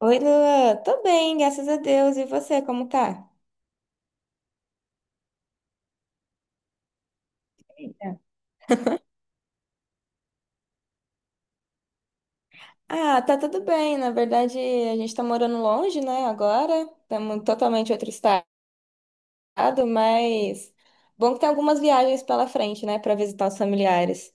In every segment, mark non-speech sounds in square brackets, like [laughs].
Oi, Lua. Tô bem, graças a Deus. E você, como tá? Eita. Ah, tá tudo bem. Na verdade, a gente tá morando longe, né, agora. Estamos totalmente em outro estado, mas bom que tem algumas viagens pela frente, né, pra visitar os familiares.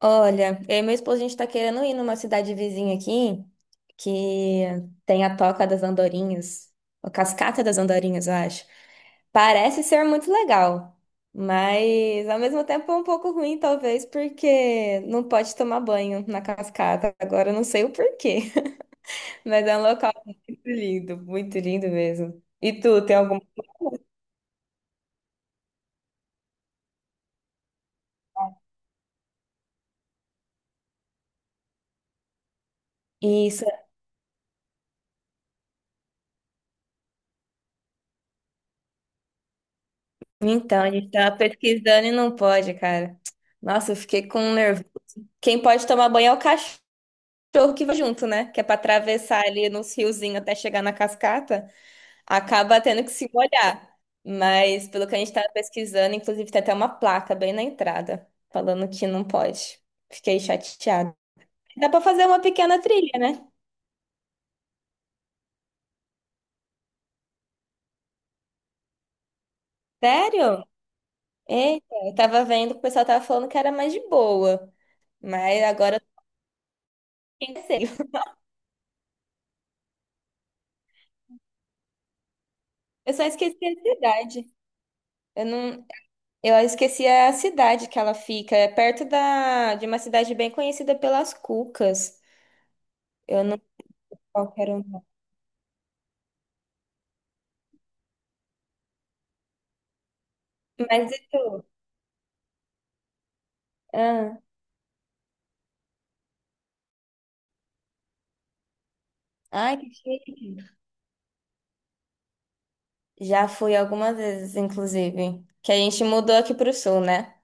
Olha, eu e meu esposo, a gente tá querendo ir numa cidade vizinha aqui, que tem a Toca das Andorinhas, a Cascata das Andorinhas, eu acho. Parece ser muito legal, mas ao mesmo tempo é um pouco ruim, talvez, porque não pode tomar banho na cascata. Agora eu não sei o porquê, [laughs] mas é um local muito lindo mesmo. E tu, tem algum? Isso, então, a gente tava pesquisando e não pode, cara. Nossa, eu fiquei com um nervo. Quem pode tomar banho é o cachorro que vai junto, né? Que é pra atravessar ali nos riozinhos até chegar na cascata. Acaba tendo que se molhar. Mas pelo que a gente estava pesquisando, inclusive tem até uma placa bem na entrada falando que não pode. Fiquei chateada. Dá para fazer uma pequena trilha, né? Sério? Eita, eu tava vendo que o pessoal tava falando que era mais de boa, mas agora eu tô sem… [laughs] Eu só esqueci a cidade. Eu não, eu esqueci a cidade que ela fica, é perto da de uma cidade bem conhecida pelas cucas. Eu não quero. Mas e tu? Ah, ai, que chique. Já fui algumas vezes, inclusive. Que a gente mudou aqui pro sul, né?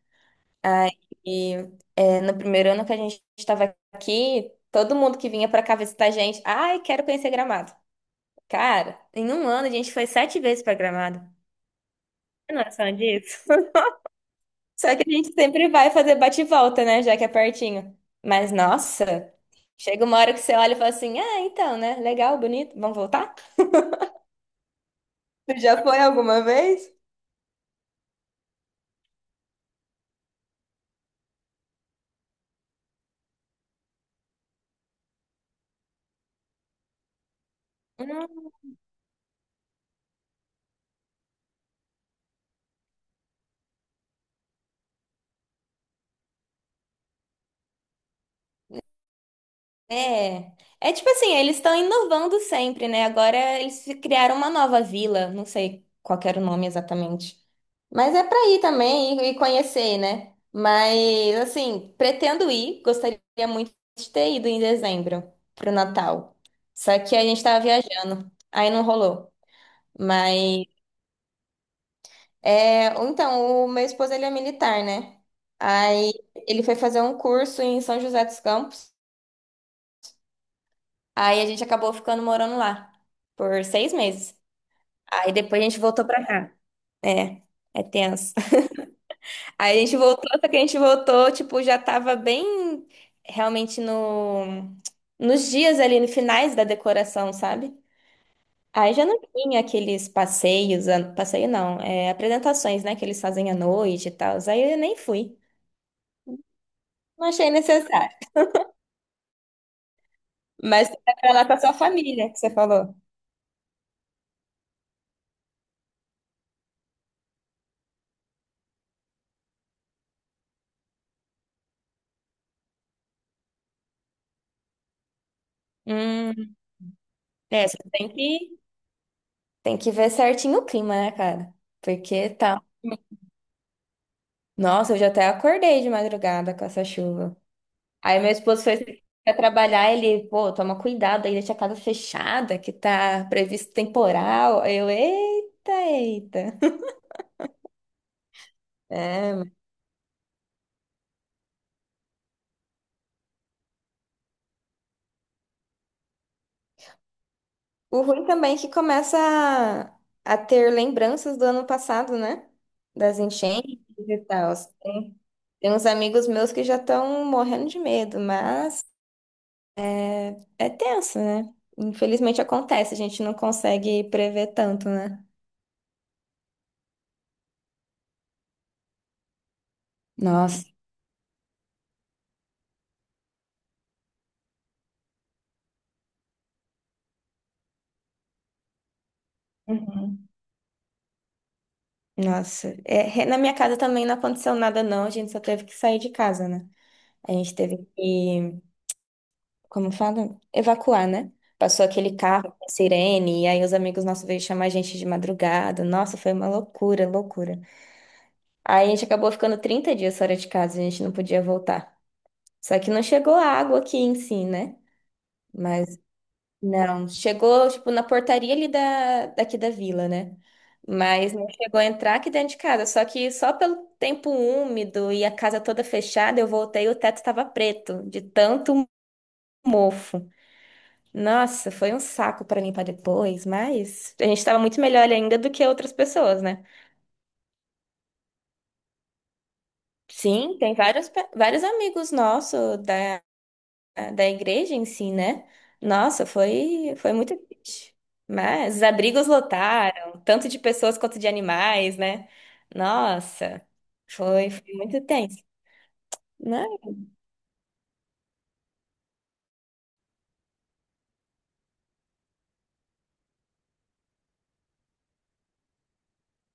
Aí, é, no primeiro ano que a gente estava aqui, todo mundo que vinha pra cá visitar a gente, ai, quero conhecer Gramado. Cara, em um ano a gente foi 7 vezes pra Gramado. Tem noção disso? [laughs] Só que a gente sempre vai fazer bate e volta, né? Já que é pertinho. Mas, nossa, chega uma hora que você olha e fala assim, ah, então, né? Legal, bonito, vamos voltar? Você já foi alguma vez? É, é tipo assim, eles estão inovando sempre, né? Agora eles criaram uma nova vila, não sei qual que era o nome exatamente. Mas é pra ir também e conhecer, né? Mas assim, pretendo ir, gostaria muito de ter ido em dezembro pro Natal. Só que a gente tava viajando, aí não rolou. Mas é, ou então, o meu esposo ele é militar, né? Aí ele foi fazer um curso em São José dos Campos. Aí a gente acabou ficando morando lá por 6 meses. Aí depois a gente voltou pra cá. É, é tenso. [laughs] Aí a gente voltou, só que a gente voltou, tipo, já tava bem realmente no, nos dias ali, no finais da decoração, sabe? Aí já não tinha aqueles passeios, a- passeio não, é, apresentações, né, que eles fazem à noite e tal. Aí eu nem fui. Não achei necessário. Mas você vai pra lá com a sua família, que você falou. Hum, é, você tem que ir. Tem que ver certinho o clima, né, cara? Porque tá. Nossa, eu já até acordei de madrugada com essa chuva. Aí meu esposo foi pra trabalhar, ele, pô, toma cuidado aí, deixa a casa fechada, que tá previsto temporal. Aí eu, eita, eita. É. O ruim também é que começa a ter lembranças do ano passado, né? Das enchentes e tal. Tem, tem uns amigos meus que já estão morrendo de medo, mas. É tenso, né? Infelizmente acontece, a gente não consegue prever tanto, né? Nossa. Uhum. Nossa, é, re- na minha casa também não aconteceu nada, não. A gente só teve que sair de casa, né? A gente teve que, como fala? Evacuar, né? Passou aquele carro com sirene, e aí os amigos nossos veio chamar a gente de madrugada. Nossa, foi uma loucura, loucura. Aí a gente acabou ficando 30 dias fora de casa, a gente não podia voltar. Só que não chegou água aqui em si, né? Mas não, chegou, tipo, na portaria ali da, daqui da vila, né? Mas não chegou a entrar aqui dentro de casa. Só que só pelo tempo úmido e a casa toda fechada, eu voltei e o teto estava preto, de tanto mofo. Nossa, foi um saco para limpar depois, mas a gente estava muito melhor ainda do que outras pessoas, né? Sim, tem vários, pe- vários amigos nossos ah, da igreja em si, né? Nossa, foi, foi muito triste. Mas os abrigos lotaram, tanto de pessoas quanto de animais, né? Nossa, foi, foi muito tenso, né?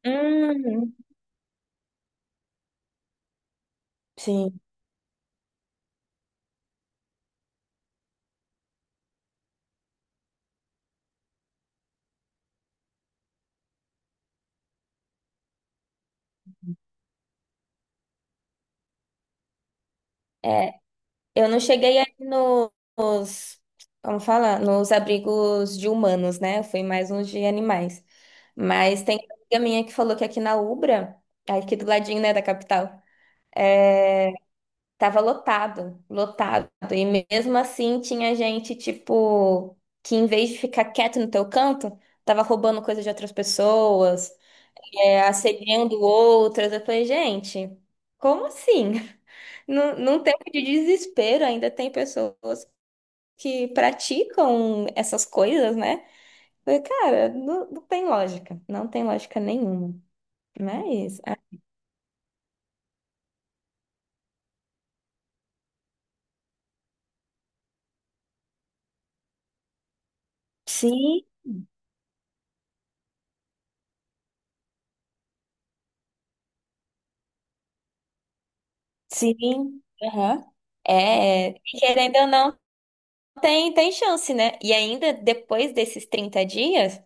Hum, sim. É, eu não cheguei aí no- nos, como fala, nos abrigos de humanos, né? Eu fui mais nos de animais. Mas tem uma amiga minha que falou que aqui na Ubra, aqui do ladinho, né, da capital, é, tava lotado, lotado. E mesmo assim tinha gente, tipo, que em vez de ficar quieto no teu canto, tava roubando coisa de outras pessoas, é, assediando outras. Eu falei, gente, como assim? [laughs] Num, num tempo de desespero ainda tem pessoas que praticam essas coisas, né? Eu falei, cara, não, não tem lógica, não tem lógica nenhuma. Mas, ah, sim, sim. Aham. É, querendo ou não. Tem chance, né? E ainda depois desses 30 dias,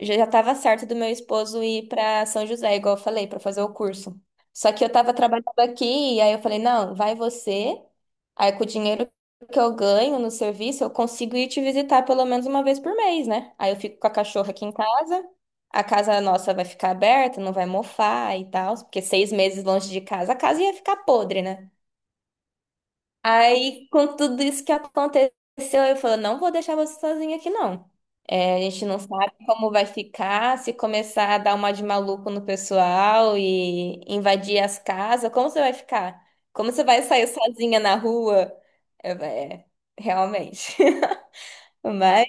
já já tava certo do meu esposo ir para São José, igual eu falei, para fazer o curso. Só que eu tava trabalhando aqui, e aí eu falei, não, vai você. Aí com o dinheiro que eu ganho no serviço, eu consigo ir te visitar pelo menos uma vez por mês, né? Aí eu fico com a cachorra aqui em casa. A casa nossa vai ficar aberta, não vai mofar e tal, porque 6 meses longe de casa, a casa ia ficar podre, né? Aí, com tudo isso que aconteceu, eu falei, não vou deixar você sozinha aqui, não. É, a gente não sabe como vai ficar, se começar a dar uma de maluco no pessoal e invadir as casas, como você vai ficar? Como você vai sair sozinha na rua? Eu falei, é, realmente. [laughs] Mas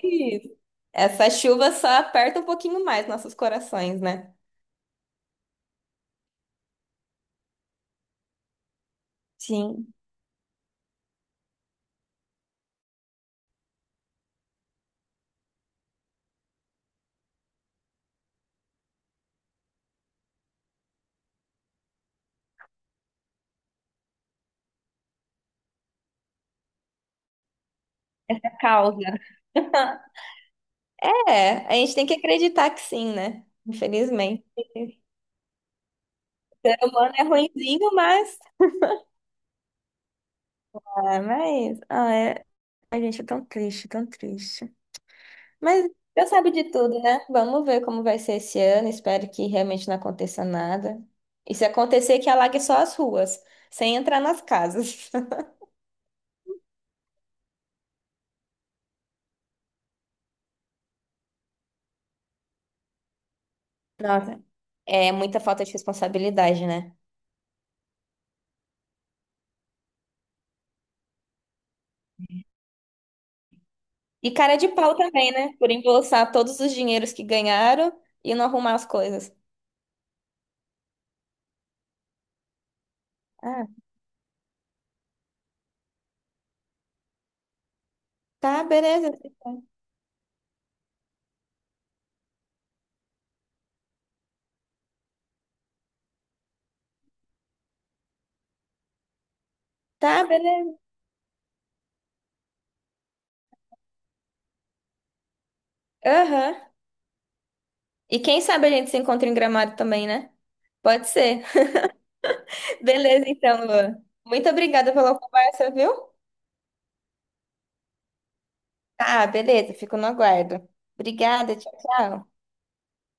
essa chuva só aperta um pouquinho mais nossos corações, né? Sim, é causa. [laughs] É, a gente tem que acreditar que sim, né? Infelizmente. Ser humano é ruinzinho, mas. Ah, mas. Ah, é… A gente é tão triste, tão triste. Mas Deus sabe de tudo, né? Vamos ver como vai ser esse ano. Espero que realmente não aconteça nada. E se acontecer, que alague só as ruas, sem entrar nas casas. [laughs] Nossa, é muita falta de responsabilidade, né? E cara de pau também, né? Por embolsar todos os dinheiros que ganharam e não arrumar as coisas. Ah, tá, beleza. Tá, beleza. Aham. E quem sabe a gente se encontra em Gramado também, né? Pode ser. [laughs] Beleza, então, Luan. Muito obrigada pela conversa, viu? Ah, beleza, fico no aguardo. Obrigada, tchau, tchau.